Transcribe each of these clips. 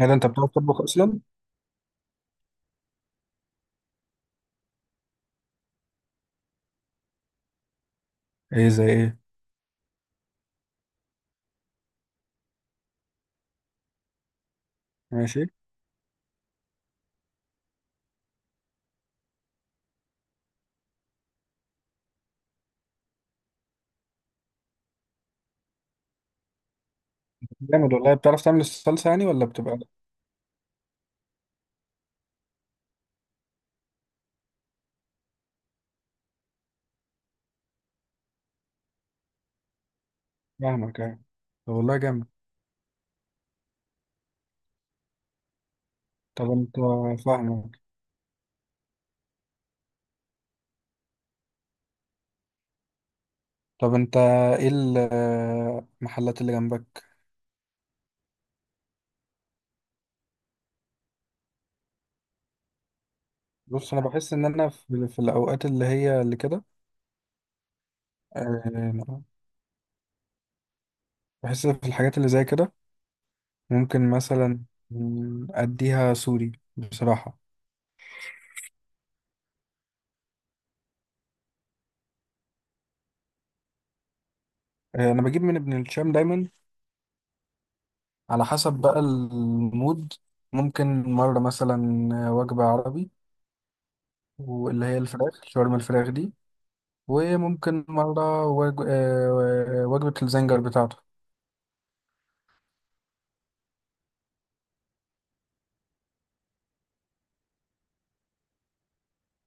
ايه ده، انت بتعرف تطبخ اصلا؟ ايه زي ايه؟ ماشي. جامد والله. بتعرف تعمل الصلصه يعني، ولا بتبقى؟ فاهمك يعني. طب والله جامد. طب انت، فاهمك. طب انت، ايه المحلات اللي جنبك؟ بص، انا بحس ان انا في الاوقات اللي هي اللي كده. آه، بحس في الحاجات اللي زي كده ممكن مثلا، اديها سوري بصراحه. انا بجيب من ابن الشام دايما، على حسب بقى المود. ممكن مره مثلا وجبه عربي، واللي هي الفراخ شاورما الفراخ دي. وممكن مرة وج... آه، وجبة الزنجر بتاعته.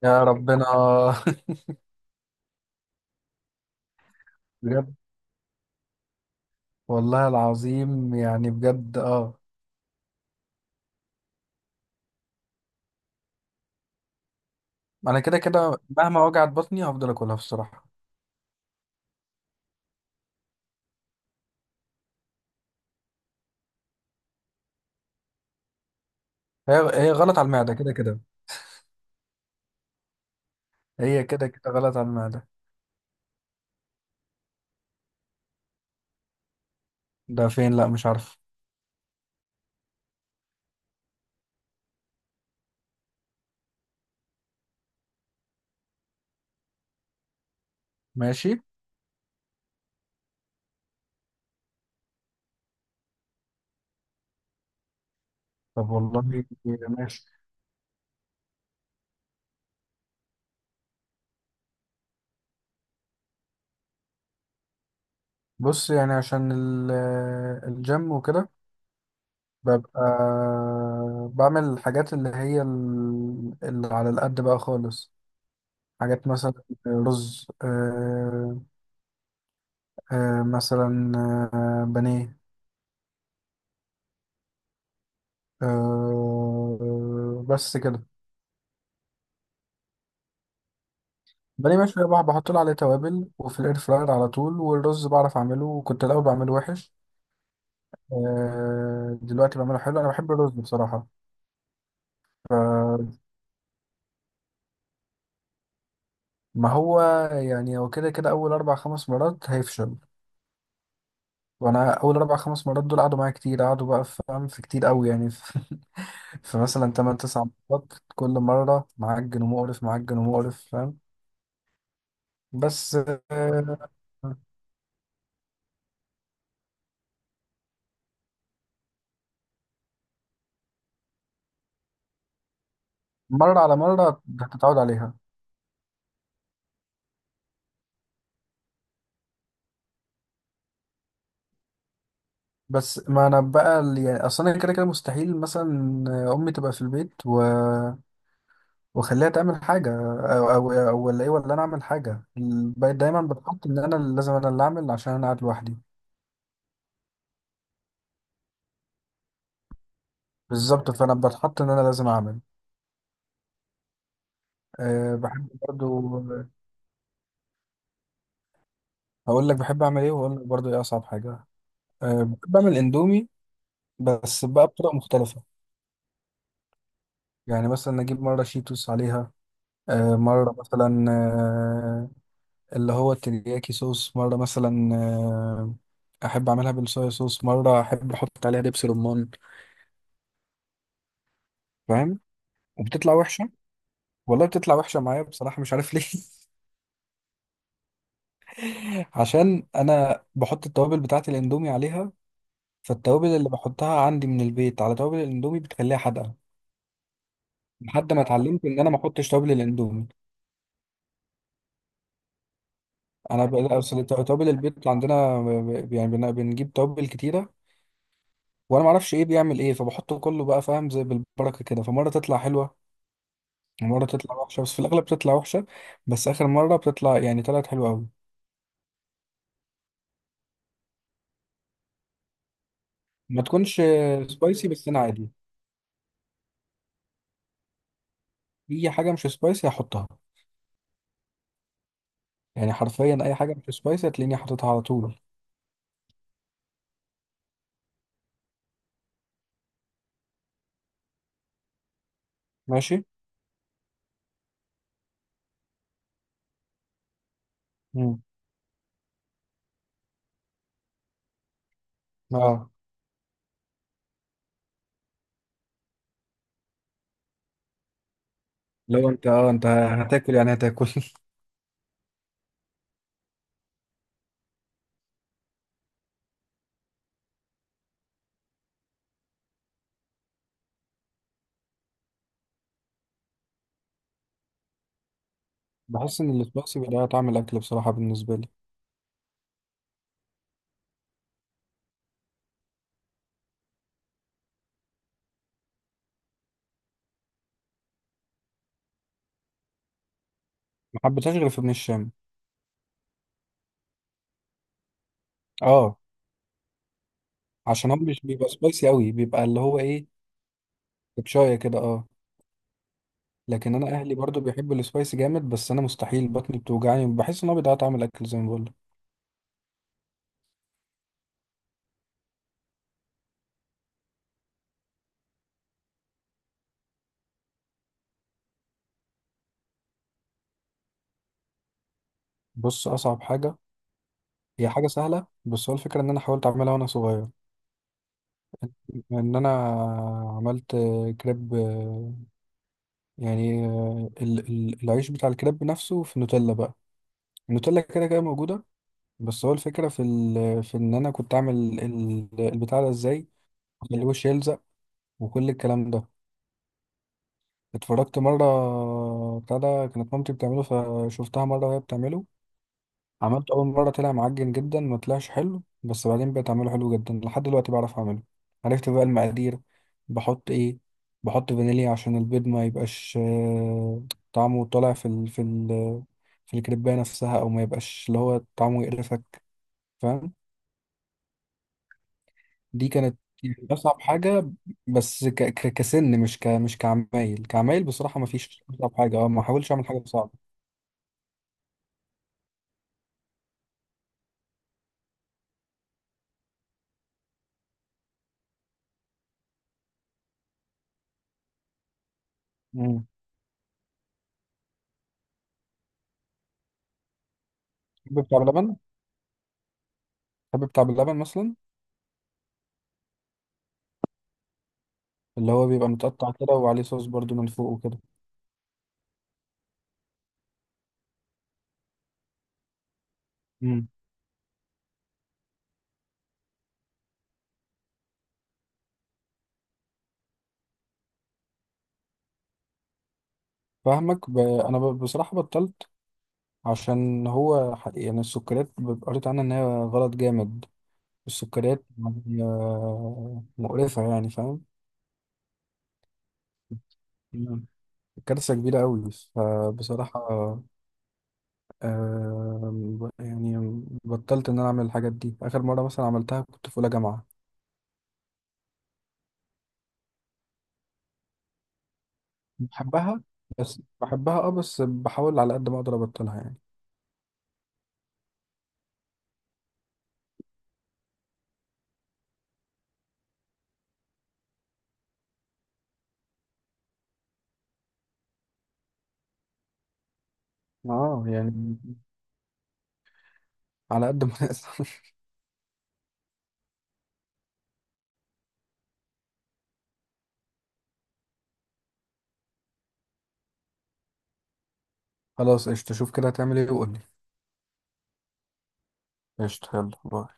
يا ربنا. بجد، والله العظيم يعني بجد، اه. انا كده كده مهما وجعت بطني، هفضل اكلها بصراحة. هي هي غلط على المعدة كده كده. هي كده كده غلط على المعدة. ده فين؟ لا، مش عارف. ماشي. طب والله. ماشي. بص يعني، عشان الجيم وكده، ببقى بعمل الحاجات اللي هي اللي على القد بقى خالص. حاجات مثلا رز، مثلا، بانيه. بس كده. بانيه مشوي بقى بحط له عليه توابل، وفي الاير فراير على طول. والرز بعرف اعمله، وكنت الاول بعمله وحش. دلوقتي بعمله حلو. انا بحب الرز بصراحة. ف- ما هو، يعني هو كده كده اول اربع خمس مرات هيفشل. وانا اول اربع خمس مرات دول قعدوا معايا كتير، قعدوا بقى فاهم، في كتير قوي يعني، في. فمثلا تمن تسع مرات، كل مره معجن ومقرف، معجن ومقرف فاهم. بس آه، مرة على مرة هتتعود عليها. بس ما انا بقى يعني اصلا كده كده مستحيل مثلا امي تبقى في البيت واخليها تعمل حاجة، او ولا ايه، ولا انا اعمل حاجة. بقيت دايما بتحط ان انا اللي لازم انا اللي اعمل، عشان انا قاعد لوحدي. بالظبط، فانا بتحط ان انا لازم اعمل. أه، بحب برضو. هقول لك بحب أعمل إيه، وأقول لك برضو إيه أصعب حاجة. أه، بحب أعمل إندومي، بس بقى بطرق مختلفة. يعني مثلا أجيب مرة شيتوس عليها، أه، مرة مثلا، أه، اللي هو الترياكي صوص، مرة مثلا، أه، أحب أعملها بالصويا صوص، مرة أحب أحط عليها دبس رمان، فاهم. وبتطلع وحشة. والله بتطلع وحشة معايا بصراحة، مش عارف ليه. عشان انا بحط التوابل بتاعت الاندومي عليها. فالتوابل اللي بحطها عندي من البيت على توابل الاندومي بتخليها حادقه، لحد ما اتعلمت ان انا ما احطش توابل الاندومي. انا اصل توابل البيت عندنا يعني بنجيب توابل كتيره، وانا ما اعرفش ايه بيعمل ايه، فبحط كله بقى فاهم، زي بالبركه كده، فمره تطلع حلوه ومره تطلع وحشه، بس في الاغلب بتطلع وحشه. بس اخر مره بتطلع يعني طلعت حلوه قوي. ما تكونش سبايسي، بس انا عادي. اي حاجه مش سبايسي هحطها. يعني حرفيا اي حاجه مش سبايسي هتلاقيني حاططها على طول. ماشي. امم. اه. لو انت، اه، انت هتاكل يعني هتاكل. بحس ان السبايسي بيضيع طعم الاكل بصراحه بالنسبه لي. ما حبيتهاش غير في ابن الشام. اه، عشان هو مش بيبقى سبايسي قوي، بيبقى اللي هو ايه، بشايه كده، اه. لكن انا اهلي برضو بيحبوا السبايسي جامد، بس انا مستحيل، بطني بتوجعني، بحس ان هو بيضيع طعم الاكل زي ما بقول لك. بص اصعب حاجه هي حاجه سهله، بس هو الفكره ان انا حاولت اعملها وانا صغير. ان انا عملت كريب، يعني، العيش بتاع الكريب نفسه في نوتيلا بقى. النوتيلا كده كده موجوده. بس هو الفكره في ان انا كنت اعمل البتاع ده ازاي، اخليه وش يلزق وكل الكلام ده. اتفرجت مرة، بتاع ده كانت مامتي بتعمله، فشفتها مرة وهي بتعمله. عملته أول مرة طلع معجن جدا، ما طلعش حلو، بس بعدين بقيت أعمله حلو جدا. لحد دلوقتي بعرف أعمله، عرفت بقى المقادير. بحط إيه؟ بحط فانيليا عشان البيض ما يبقاش، طعمه طالع في ال في الكريباية نفسها، أو ما يبقاش اللي هو طعمه يقرفك، فاهم. دي كانت يعني أصعب حاجة. بس كسن، مش مش كعمايل بصراحة، ما فيش أصعب حاجة، أه ما حاولش أعمل حاجة صعبة. مم. تحب بتاع باللبن؟ تحب بتاع باللبن مثلا؟ اللي هو بيبقى متقطع كده، وعليه صوص برضو من فوق وكده. مم. فاهمك، أنا بصراحة بطلت، عشان هو يعني السكريات قريت عنها إن هي غلط جامد. السكريات يعني، مقرفة يعني، فاهم. مم. كارثة كبيرة أوي فبصراحة، يعني بطلت ان انا اعمل الحاجات دي. اخر مره مثلا عملتها كنت في اولى جامعه. بحبها، بس بحبها اه، بس بحاول على قد ما اقدر ابطلها يعني. اه يعني، على قد ما اقدر. خلاص قشطه، شوف كده هتعمل ايه وقول لي. قشطه، يلا باي.